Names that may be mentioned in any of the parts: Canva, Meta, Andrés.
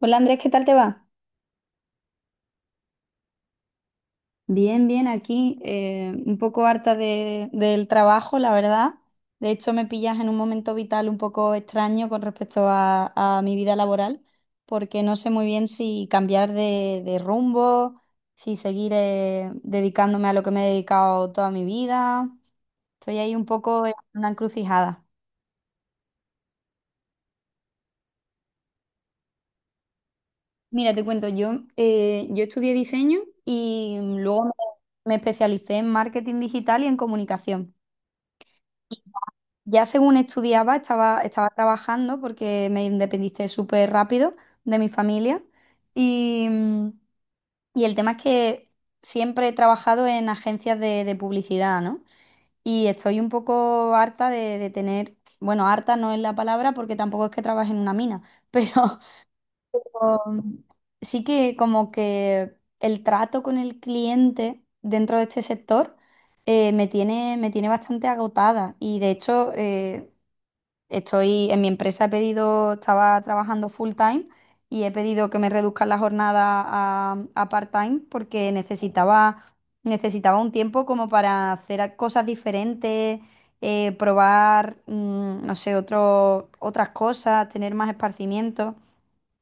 Hola Andrés, ¿qué tal te va? Bien, bien, aquí un poco harta del trabajo, la verdad. De hecho, me pillas en un momento vital un poco extraño con respecto a mi vida laboral, porque no sé muy bien si cambiar de rumbo, si seguir dedicándome a lo que me he dedicado toda mi vida. Estoy ahí un poco en una encrucijada. Mira, te cuento, yo, yo estudié diseño y luego me especialicé en marketing digital y en comunicación. Ya según estudiaba, estaba trabajando porque me independicé súper rápido de mi familia y, mm, y el tema es que siempre he trabajado en agencias de publicidad, ¿no? Y estoy un poco harta de tener, bueno, harta no es la palabra porque tampoco es que trabaje en una mina, pero um, sí que como que el trato con el cliente dentro de este sector me tiene bastante agotada y de hecho. Estoy en mi empresa, he pedido, estaba trabajando full time y he pedido que me reduzcan la jornada a part-time porque necesitaba un tiempo como para hacer cosas diferentes, probar, no sé, otras cosas, tener más esparcimiento.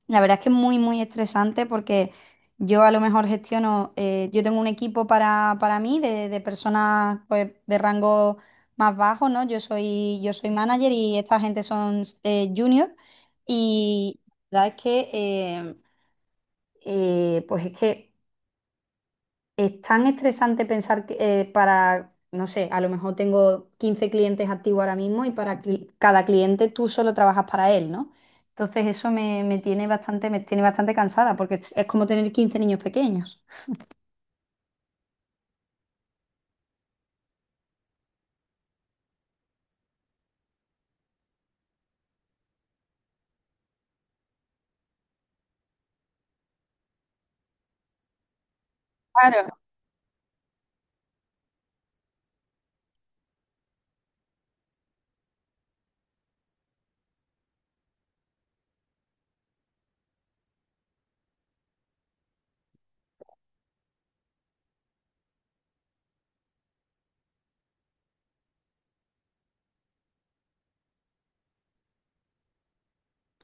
La verdad es que es muy, muy estresante porque yo a lo mejor gestiono, yo tengo un equipo para mí de personas pues, de rango más bajo, ¿no? Yo soy manager y esta gente son junior y la verdad es que, pues es que es tan estresante pensar que para, no sé, a lo mejor tengo 15 clientes activos ahora mismo y para cada cliente tú solo trabajas para él, ¿no? Entonces eso me tiene me tiene bastante cansada porque es como tener 15 niños pequeños. Claro.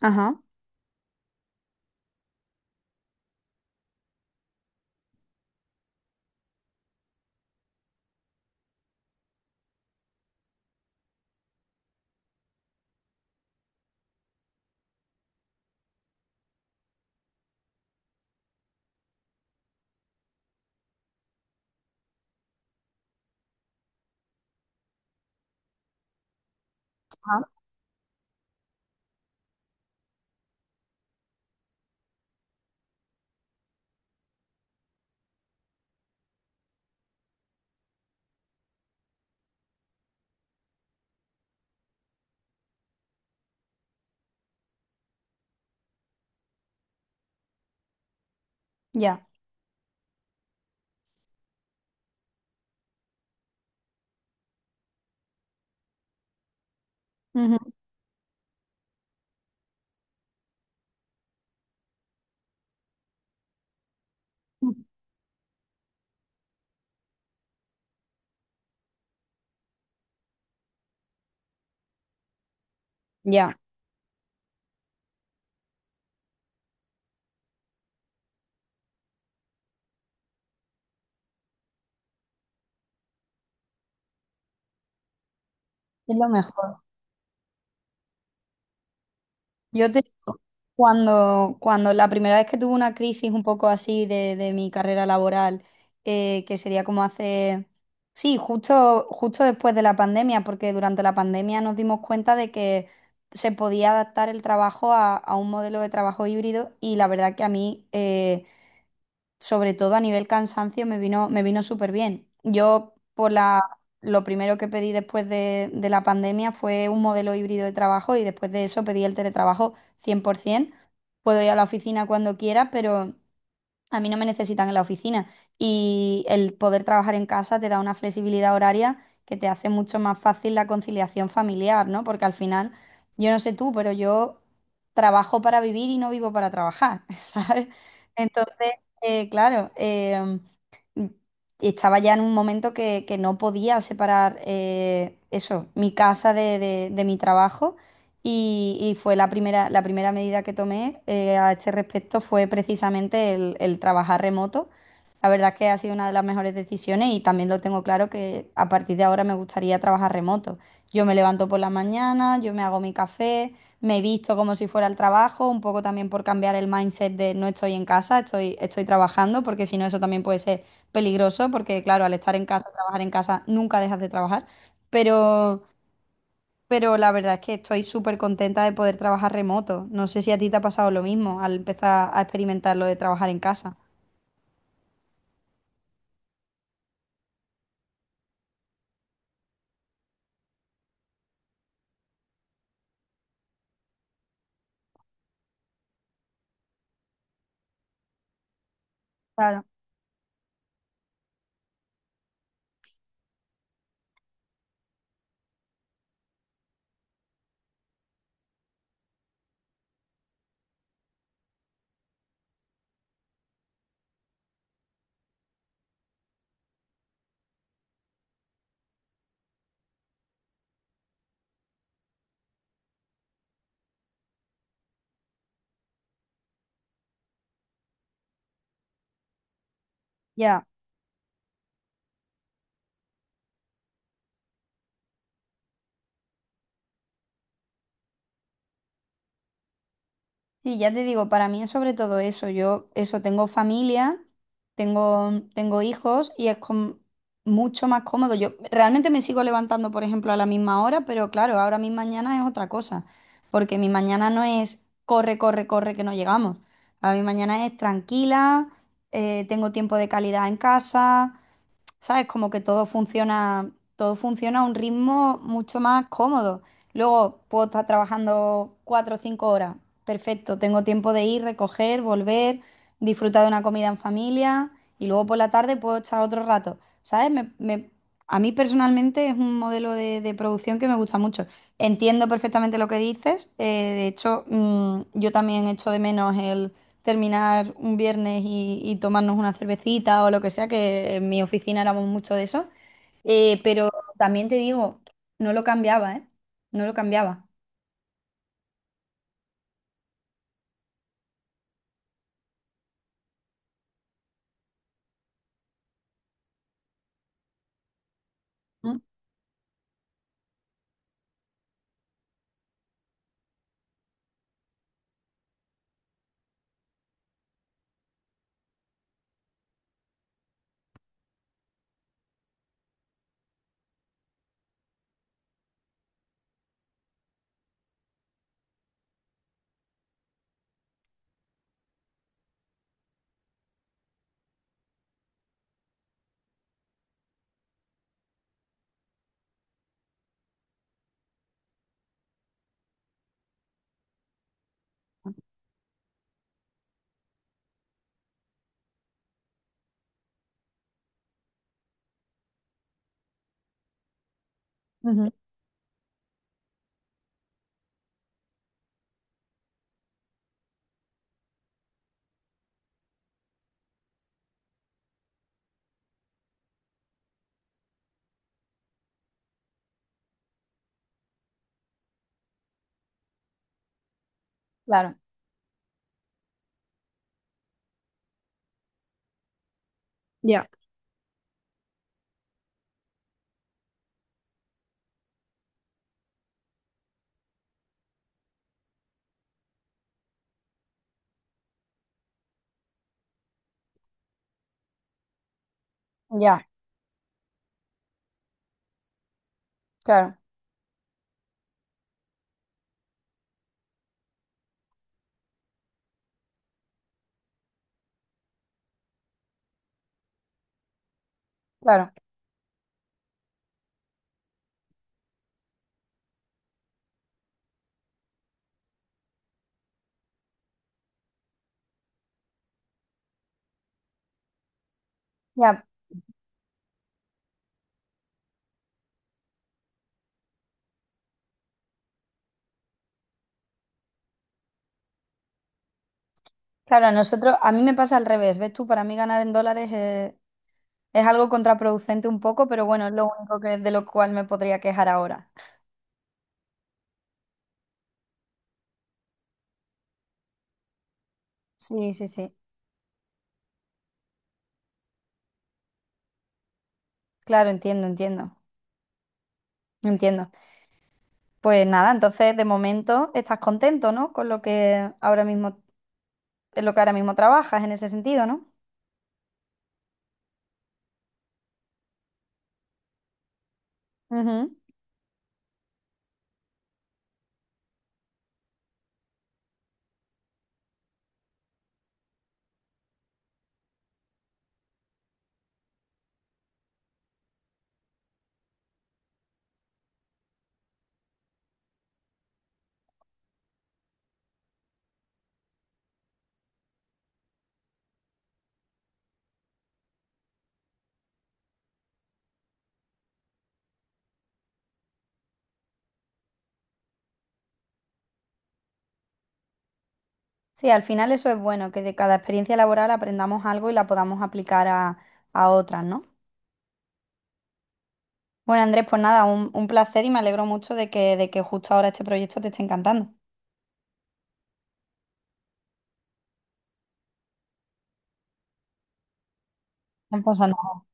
Ajá. Ajá. Ya. Ujú. Ya. Es lo mejor. Yo te digo, cuando la primera vez que tuve una crisis un poco así de mi carrera laboral, que sería como hace, sí, justo después de la pandemia, porque durante la pandemia nos dimos cuenta de que se podía adaptar el trabajo a un modelo de trabajo híbrido y la verdad que a mí, sobre todo a nivel cansancio, me vino súper bien. Lo primero que pedí después de la pandemia fue un modelo híbrido de trabajo y después de eso pedí el teletrabajo 100%. Puedo ir a la oficina cuando quiera, pero a mí no me necesitan en la oficina y el poder trabajar en casa te da una flexibilidad horaria que te hace mucho más fácil la conciliación familiar, ¿no? Porque al final, yo no sé tú, pero yo trabajo para vivir y no vivo para trabajar, ¿sabes? Entonces, claro, m- estaba ya en un momento que no podía separar eso, mi casa de mi trabajo. Y fue la primera medida que tomé a este respecto fue precisamente el trabajar remoto. La verdad es que ha sido una de las mejores decisiones y también lo tengo claro que a partir de ahora me gustaría trabajar remoto. Yo me levanto por la mañana, yo me hago mi café, me visto como si fuera al trabajo, un poco también por cambiar el mindset de no estoy en casa, estoy trabajando, porque si no eso también puede ser peligroso, porque claro, al estar en casa, trabajar en casa, nunca dejas de trabajar. Pero pero la verdad es que estoy súper contenta de poder trabajar remoto. No sé si a ti te ha pasado lo mismo al empezar a experimentar lo de trabajar en casa. Claro. Ya, sí, ya te digo, para mí es sobre todo eso. Yo, eso, tengo familia, tengo hijos y es mucho más cómodo. Yo realmente me sigo levantando, por ejemplo, a la misma hora, pero claro, ahora mi mañana es otra cosa, porque mi mañana no es corre, corre, corre, que no llegamos. A mi mañana es tranquila, tengo tiempo de calidad en casa, ¿sabes? Como que todo funciona a un ritmo mucho más cómodo. Luego puedo estar trabajando cuatro o cinco horas. Perfecto, tengo tiempo de ir, recoger, volver, disfrutar de una comida en familia y luego por la tarde puedo echar otro rato. ¿Sabes? A mí personalmente es un modelo de producción que me gusta mucho. Entiendo perfectamente lo que dices. De hecho, yo también echo de menos terminar un viernes y tomarnos una cervecita o lo que sea, que en mi oficina éramos mucho de eso. Pero también te digo, no lo cambiaba, ¿eh? No lo cambiaba. Mm, ujú. Claro. Ya. Ya, claro, claro, ya. Claro, a nosotros, a mí me pasa al revés, ¿ves tú? Para mí ganar en dólares es algo contraproducente un poco, pero bueno, es lo único que, de lo cual me podría quejar ahora. Sí, sí, sí. Claro, entiendo, entiendo, entiendo. Pues nada, entonces de momento estás contento, ¿no? Con lo que ahora mismo, en lo que ahora mismo trabajas en ese sentido, ¿no? Ujú. Sí, al final eso es bueno, que de cada experiencia laboral aprendamos algo y la podamos aplicar a otras, ¿no? Bueno, Andrés, pues nada, un placer y me alegro mucho de que justo ahora este proyecto te esté encantando. No pasa nada.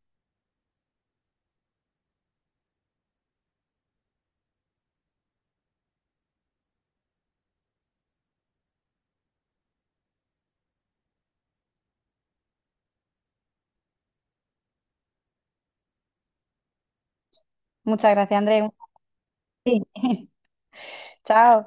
Muchas gracias, Andrés. Sí. Chao.